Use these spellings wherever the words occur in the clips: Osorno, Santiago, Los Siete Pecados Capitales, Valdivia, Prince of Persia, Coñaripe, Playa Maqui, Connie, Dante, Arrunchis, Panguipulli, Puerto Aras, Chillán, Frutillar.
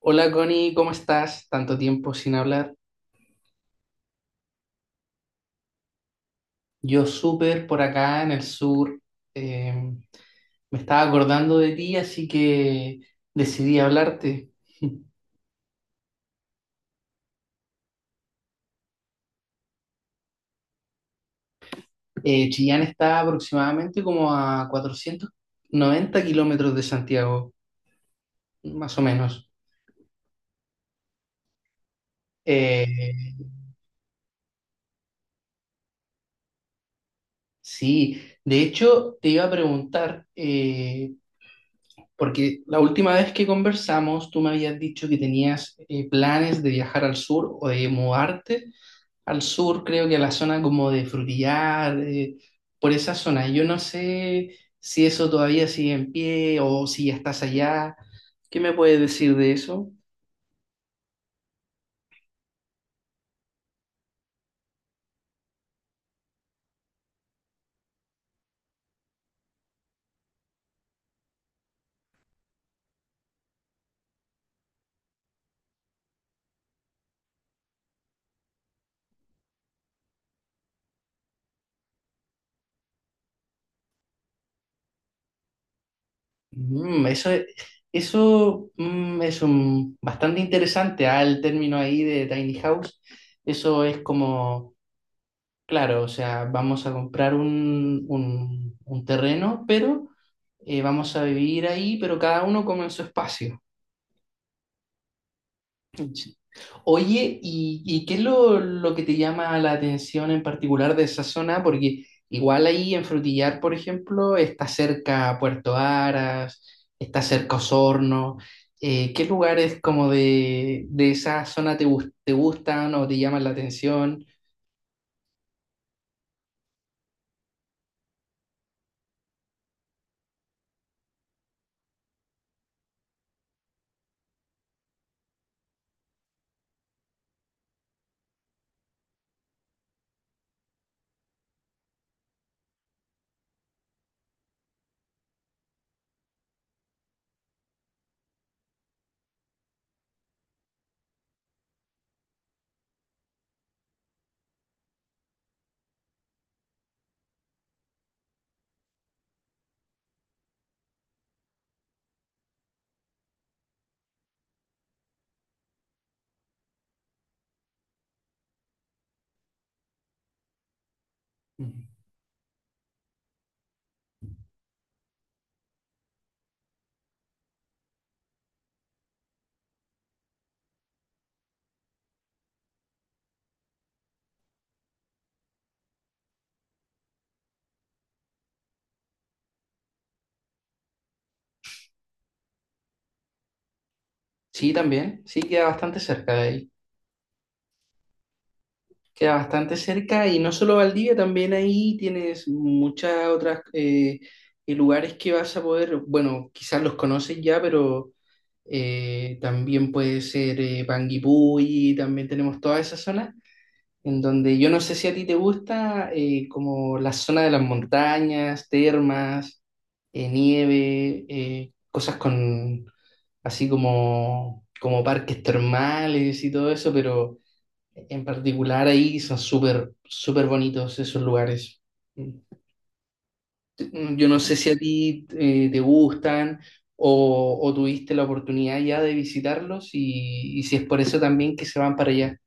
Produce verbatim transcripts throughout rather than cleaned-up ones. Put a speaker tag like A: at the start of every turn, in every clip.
A: Hola Connie, ¿cómo estás? Tanto tiempo sin hablar. Yo súper por acá en el sur. eh, me estaba acordando de ti, así que decidí hablarte. Eh, Chillán está aproximadamente como a cuatrocientos noventa kilómetros de Santiago, más o menos. Eh, sí, de hecho te iba a preguntar, eh, porque la última vez que conversamos tú me habías dicho que tenías eh, planes de viajar al sur o de mudarte, al sur, creo que a la zona como de Frutillar, eh, por esa zona. Yo no sé si eso todavía sigue en pie o si ya estás allá. ¿Qué me puedes decir de eso? Mm, eso es, eso mm, es un, bastante interesante, ah, el término ahí de tiny house. Eso es como, claro, o sea, vamos a comprar un, un, un terreno, pero eh, vamos a vivir ahí, pero cada uno como en su espacio. Oye, ¿y, y qué es lo, lo que te llama la atención en particular de esa zona? Porque igual ahí en Frutillar, por ejemplo, está cerca Puerto Aras, está cerca Osorno. Eh, ¿qué lugares como de, de esa zona te, gus- te gustan o te llaman la atención? Ujú. Sí, también, sí, queda bastante cerca de ahí. Queda bastante cerca y no solo Valdivia, también ahí tienes muchas otras eh, eh, lugares que vas a poder, bueno, quizás los conoces ya, pero eh, también puede ser eh, Panguipulli, también tenemos toda esa zona, en donde yo no sé si a ti te gusta eh, como la zona de las montañas, termas, eh, nieve, eh, cosas con así como, como parques termales y todo eso, pero. En particular ahí son súper, súper bonitos esos lugares. Yo no sé si a ti eh, te gustan o, o tuviste la oportunidad ya de visitarlos y, y si es por eso también que se van para allá.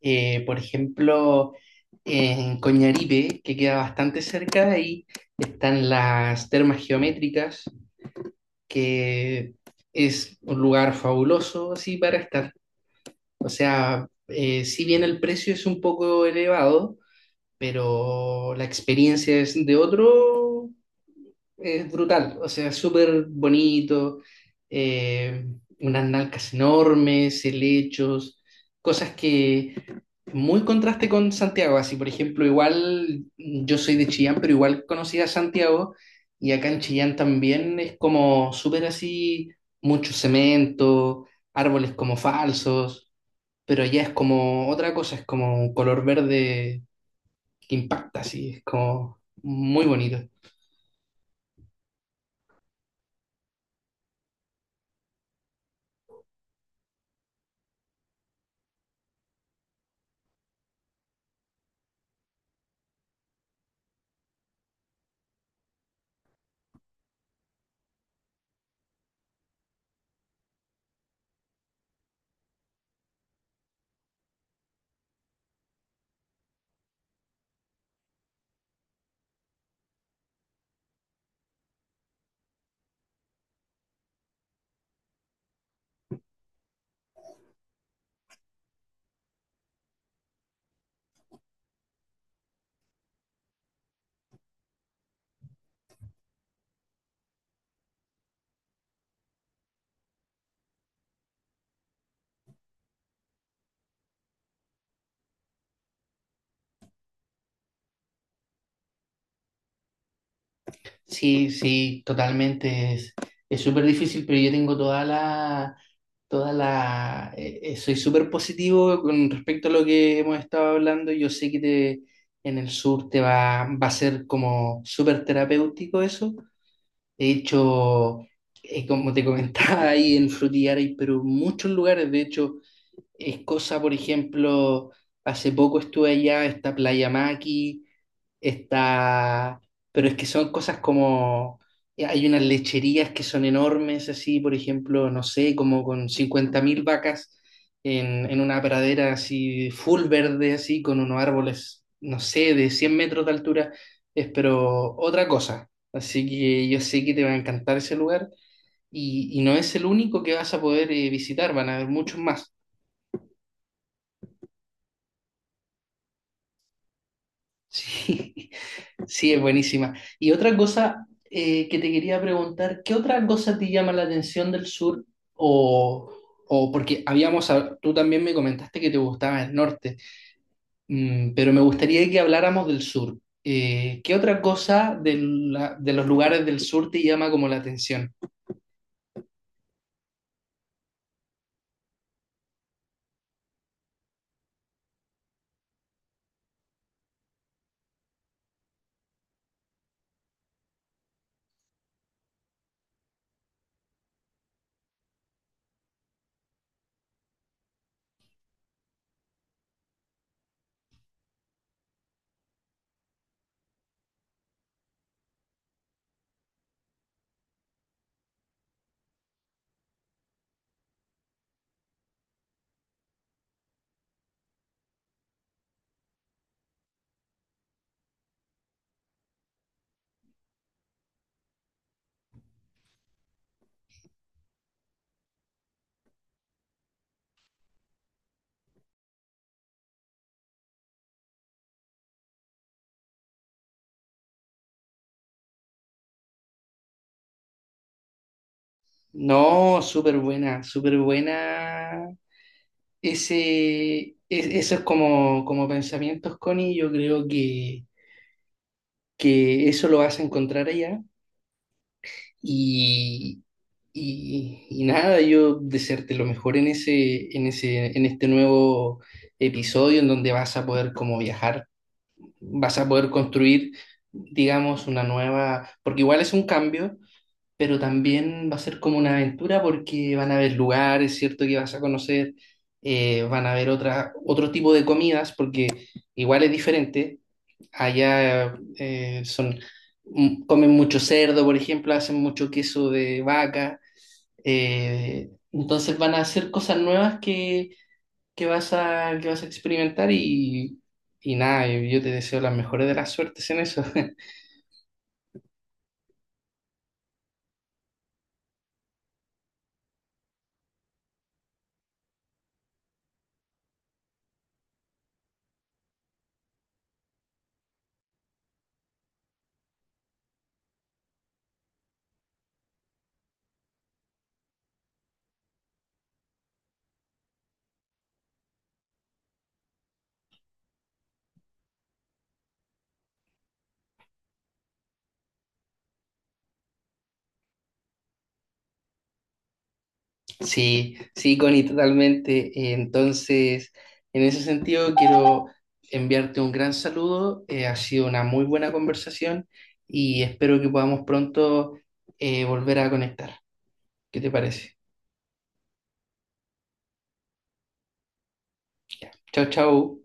A: Eh, por ejemplo, en Coñaripe, que queda bastante cerca de ahí, están las termas geométricas, que es un lugar fabuloso así para estar. O sea, eh, si bien el precio es un poco elevado, pero la experiencia es de otro, es brutal, o sea, súper bonito, eh, unas nalcas enormes, helechos, cosas que muy contraste con Santiago, así por ejemplo, igual yo soy de Chillán, pero igual conocí a Santiago y acá en Chillán también es como súper así, mucho cemento, árboles como falsos. Pero allá es como otra cosa, es como un color verde que impacta, sí, es como muy bonito. Sí, sí, totalmente. Es, es súper difícil, pero yo tengo toda la, toda la, eh, eh, soy súper positivo con respecto a lo que hemos estado hablando. Yo sé que te, en el sur te va, va a ser como súper terapéutico eso. De hecho, eh, como te comentaba ahí en Frutillar hay pero muchos lugares, de hecho, es cosa, por ejemplo, hace poco estuve allá, está Playa Maqui, está, pero es que son cosas como, eh, hay unas lecherías que son enormes, así, por ejemplo, no sé, como con cincuenta mil vacas en, en una pradera así, full verde, así, con unos árboles, no sé, de cien metros de altura, es pero otra cosa. Así que yo sé que te va a encantar ese lugar y, y no es el único que vas a poder eh, visitar, van a haber muchos más. Sí, sí, es buenísima. Y otra cosa eh, que te quería preguntar, ¿qué otra cosa te llama la atención del sur? O, o porque habíamos, hab- tú también me comentaste que te gustaba el norte, Mm, pero me gustaría que habláramos del sur. Eh, ¿qué otra cosa de, la- de los lugares del sur te llama como la atención? No, súper buena, súper buena. Ese, es, esos como, como pensamientos, Connie, yo creo que que eso lo vas a encontrar allá. Y, y, y nada, yo desearte lo mejor en ese, en ese, en este nuevo episodio en donde vas a poder como viajar, vas a poder construir, digamos, una nueva, porque igual es un cambio, pero también va a ser como una aventura porque van a haber lugares, ¿cierto? Que vas a conocer, eh, van a haber otra, otro tipo de comidas porque igual es diferente. Allá eh, son, m- comen mucho cerdo, por ejemplo, hacen mucho queso de vaca. eh, entonces van a hacer cosas nuevas que, que vas a, que vas a experimentar y, y nada, yo yo te deseo las mejores de las suertes en eso. Sí, sí, Connie, totalmente. Eh, Entonces, en ese sentido, quiero enviarte un gran saludo. Eh, ha sido una muy buena conversación y espero que podamos pronto eh, volver a conectar. ¿Qué te parece? Chao, chao.